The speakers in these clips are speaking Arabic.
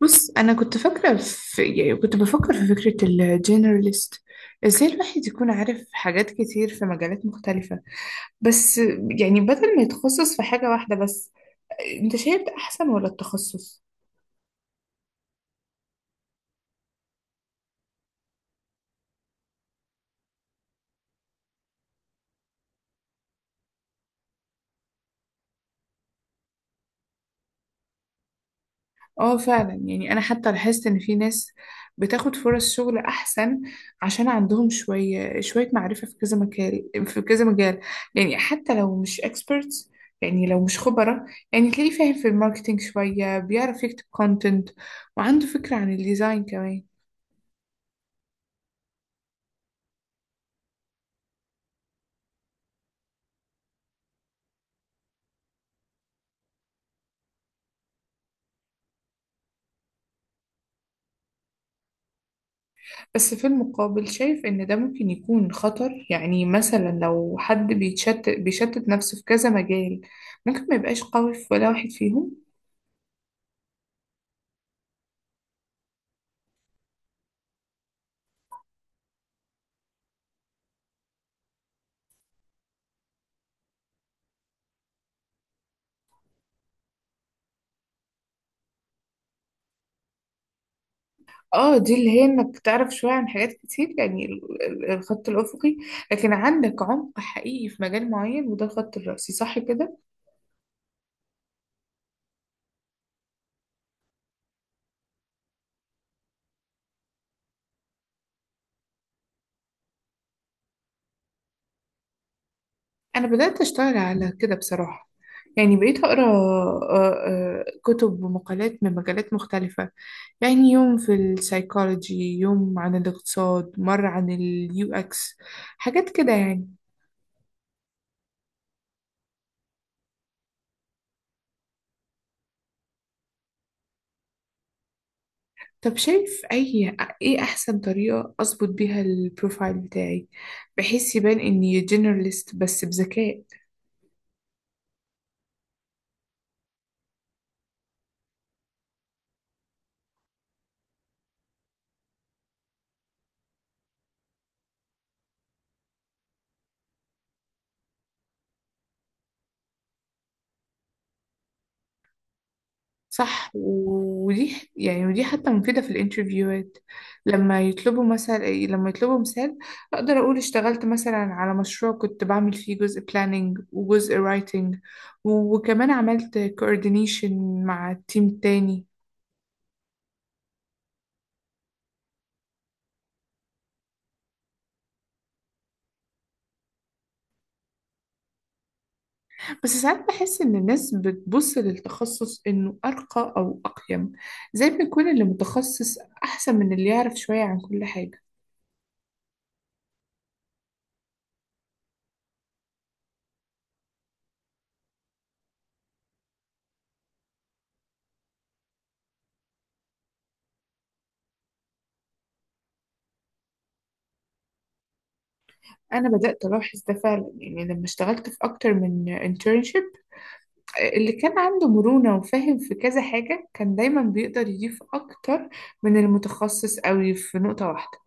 بص، أنا كنت بفكر في فكرة الجنراليست. ازاي الواحد يكون عارف حاجات كتير في مجالات مختلفة؟ بس يعني بدل ما يتخصص في حاجة واحدة بس. انت شايف ده أحسن ولا التخصص؟ اه، فعلا. يعني انا حتى لاحظت ان في ناس بتاخد فرص شغل احسن، عشان عندهم شوية شوية معرفة في كذا مجال في كذا مجال. يعني حتى لو مش experts، يعني لو مش خبرة. يعني تلاقيه فاهم في الماركتينج شوية، بيعرف يكتب كونتنت، وعنده فكرة عن الديزاين كمان. بس في المقابل، شايف ان ده ممكن يكون خطر. يعني مثلا لو حد بيتشتت بيشتت نفسه في كذا مجال، ممكن ما يبقاش قوي في ولا واحد فيهم. اه، دي اللي هي انك تعرف شوية عن حاجات كتير، يعني الخط الأفقي. لكن عندك عمق حقيقي في مجال معين، وده الخط الرأسي، صح كده؟ أنا بدأت أشتغل على كده بصراحة. يعني بقيت أقرأ كتب ومقالات من مجالات مختلفة. يعني يوم في السايكولوجي، يوم عن الاقتصاد، مرة عن اليو اكس، حاجات كده يعني. طب شايف إيه أحسن طريقة أظبط بيها البروفايل بتاعي، بحيث يبان إني جنراليست بس بذكاء؟ صح. ودي حتى مفيدة في الانترفيوهات. لما يطلبوا مثال، أقدر أقول اشتغلت مثلا على مشروع كنت بعمل فيه جزء planning وجزء writing، وكمان عملت coordination مع تيم تاني. بس ساعات بحس إن الناس بتبص للتخصص إنه أرقى أو أقيم، زي ما يكون اللي متخصص أحسن من اللي يعرف شوية عن كل حاجة. أنا بدأت ألاحظ ده فعلا. يعني لما اشتغلت في أكتر من internship، اللي كان عنده مرونة وفاهم في كذا حاجة كان دايما بيقدر يضيف أكتر من المتخصص قوي في نقطة واحدة.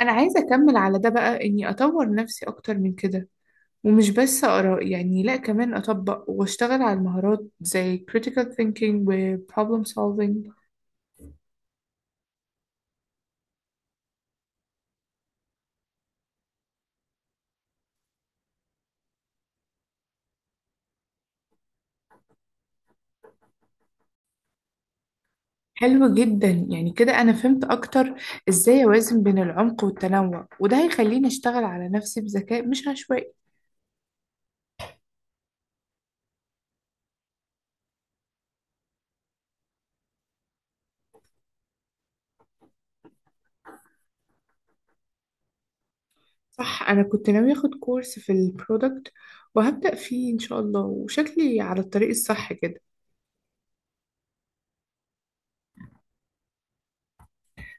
أنا عايزة أكمل على ده بقى، إني أطور نفسي أكتر من كده، ومش بس آراء، يعني لأ، كمان أطبق وأشتغل على المهارات زي critical thinking و problem solving. حلو جدا. يعني كده أنا فهمت أكتر إزاي أوازن بين العمق والتنوع، وده هيخليني أشتغل على نفسي بذكاء مش عشوائي. صح، انا كنت ناوي اخد كورس في البرودكت، وهبدأ فيه ان شاء الله، وشكلي على الطريق الصح كده.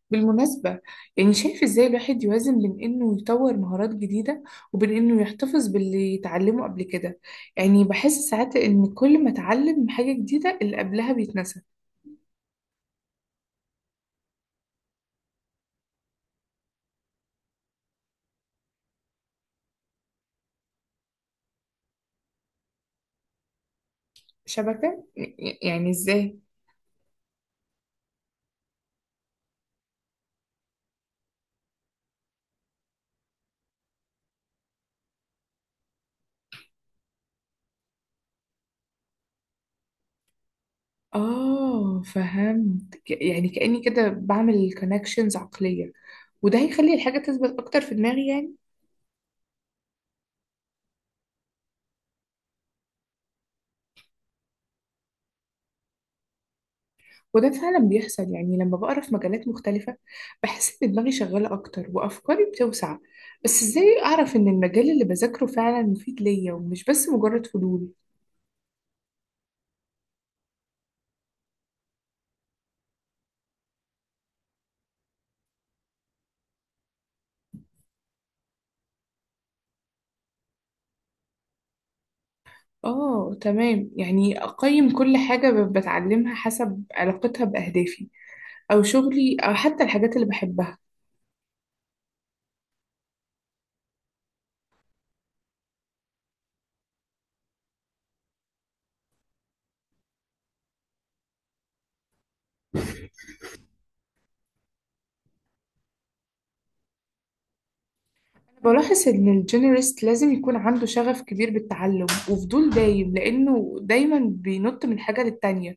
بالمناسبة، يعني شايف ازاي الواحد يوازن بين انه يطور مهارات جديدة، وبين انه يحتفظ باللي يتعلمه قبل كده؟ يعني بحس ساعات ان كل ما اتعلم حاجة جديدة، اللي قبلها بيتنسى. شبكة؟ يعني ازاي؟ اه، فهمت. يعني كأني كده بعمل كونكشنز عقلية، وده هيخلي الحاجة تثبت اكتر في دماغي يعني. وده فعلا بيحصل. يعني لما بقرا في مجالات مختلفة بحس إن دماغي شغالة أكتر، وأفكاري بتوسع. بس إزاي أعرف إن المجال اللي بذاكره فعلا مفيد ليا، ومش بس مجرد فضول؟ آه، تمام. يعني أقيم كل حاجة بتعلمها حسب علاقتها بأهدافي، أو شغلي، أو حتى الحاجات اللي بحبها. بلاحظ إن الجينيرست لازم يكون عنده شغف كبير بالتعلم وفضول دايم، لأنه دايما بينط من حاجة للتانية.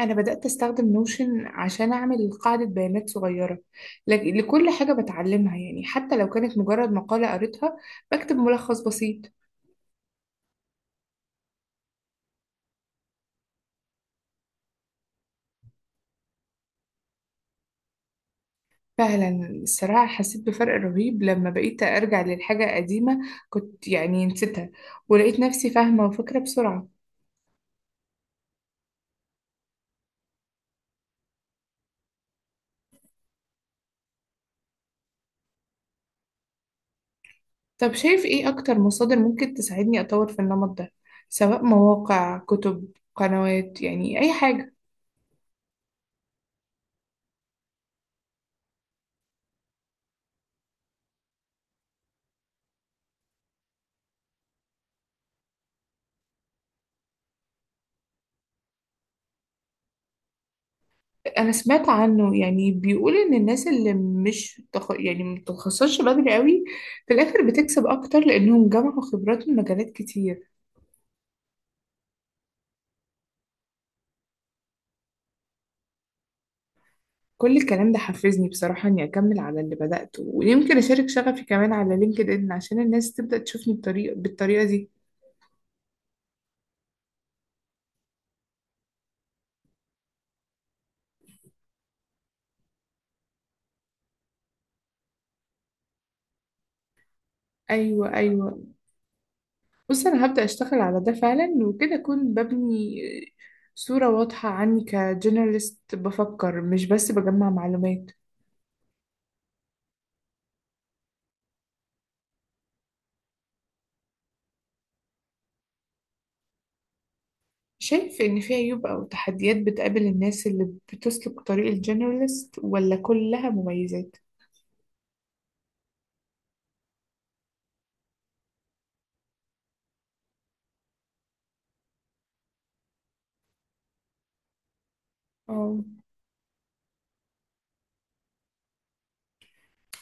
أنا بدأت أستخدم نوشن عشان أعمل قاعدة بيانات صغيرة لكل حاجة بتعلمها. يعني حتى لو كانت مجرد مقالة قريتها، بكتب ملخص بسيط. فعلا، الصراحة حسيت بفرق رهيب لما بقيت أرجع للحاجة قديمة كنت يعني نسيتها، ولقيت نفسي فاهمة وفاكرة بسرعة. طب شايف إيه أكتر مصادر ممكن تساعدني أطور في النمط ده، سواء مواقع، كتب، قنوات، يعني أي حاجة؟ انا سمعت عنه. يعني بيقول ان الناس اللي مش تخ... يعني متخصصش بدري قوي، في الاخر بتكسب اكتر، لانهم جمعوا خبرات من مجالات كتير. كل الكلام ده حفزني بصراحة، اني اكمل على اللي بدأته، ويمكن اشارك شغفي كمان على لينكد ان، عشان الناس تبدأ تشوفني بالطريقة دي. ايوه، ايوه. بص، انا هبدأ اشتغل على ده فعلا، وكده اكون ببني صورة واضحة عني كجنراليست بفكر، مش بس بجمع معلومات. شايف إن في عيوب أو تحديات بتقابل الناس اللي بتسلك طريق الجنراليست، ولا كلها مميزات؟ اه،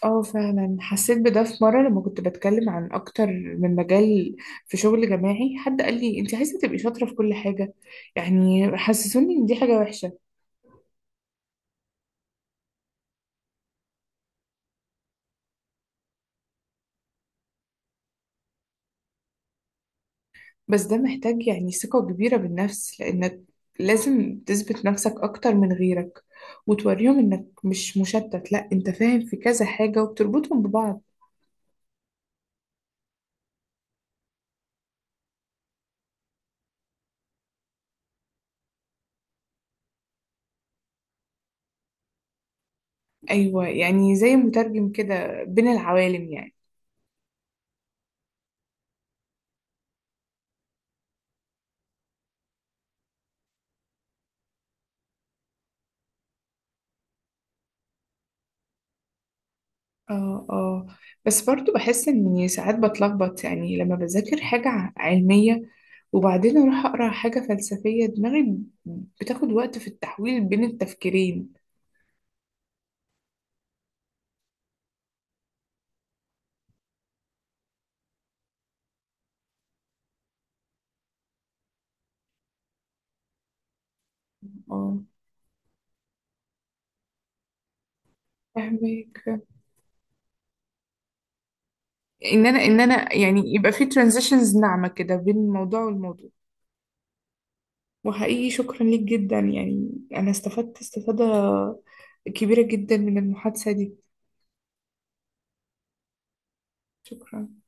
اه. فعلا حسيت بده في مرة لما كنت بتكلم عن أكتر من مجال في شغل جماعي، حد قال لي: أنت عايزة تبقي شاطرة في كل حاجة، يعني حسسوني إن دي حاجة وحشة. بس ده محتاج يعني ثقة كبيرة بالنفس، لأنك لازم تثبت نفسك أكتر من غيرك، وتوريهم إنك مش مشتت، لأ أنت فاهم في كذا حاجة وبتربطهم ببعض. أيوة، يعني زي مترجم كده بين العوالم يعني. اه، اه. بس برضو بحس إني ساعات بتلخبط، يعني لما بذاكر حاجة علمية، وبعدين أروح أقرأ حاجة فلسفية، دماغي بتاخد وقت في التحويل بين التفكيرين. اه، فاهمك. إن أنا يبقى في ترانزيشنز ناعمة كده بين الموضوع والموضوع. وحقيقي شكرا ليك جدا، يعني أنا استفدت استفادة كبيرة جدا من المحادثة دي. شكرا.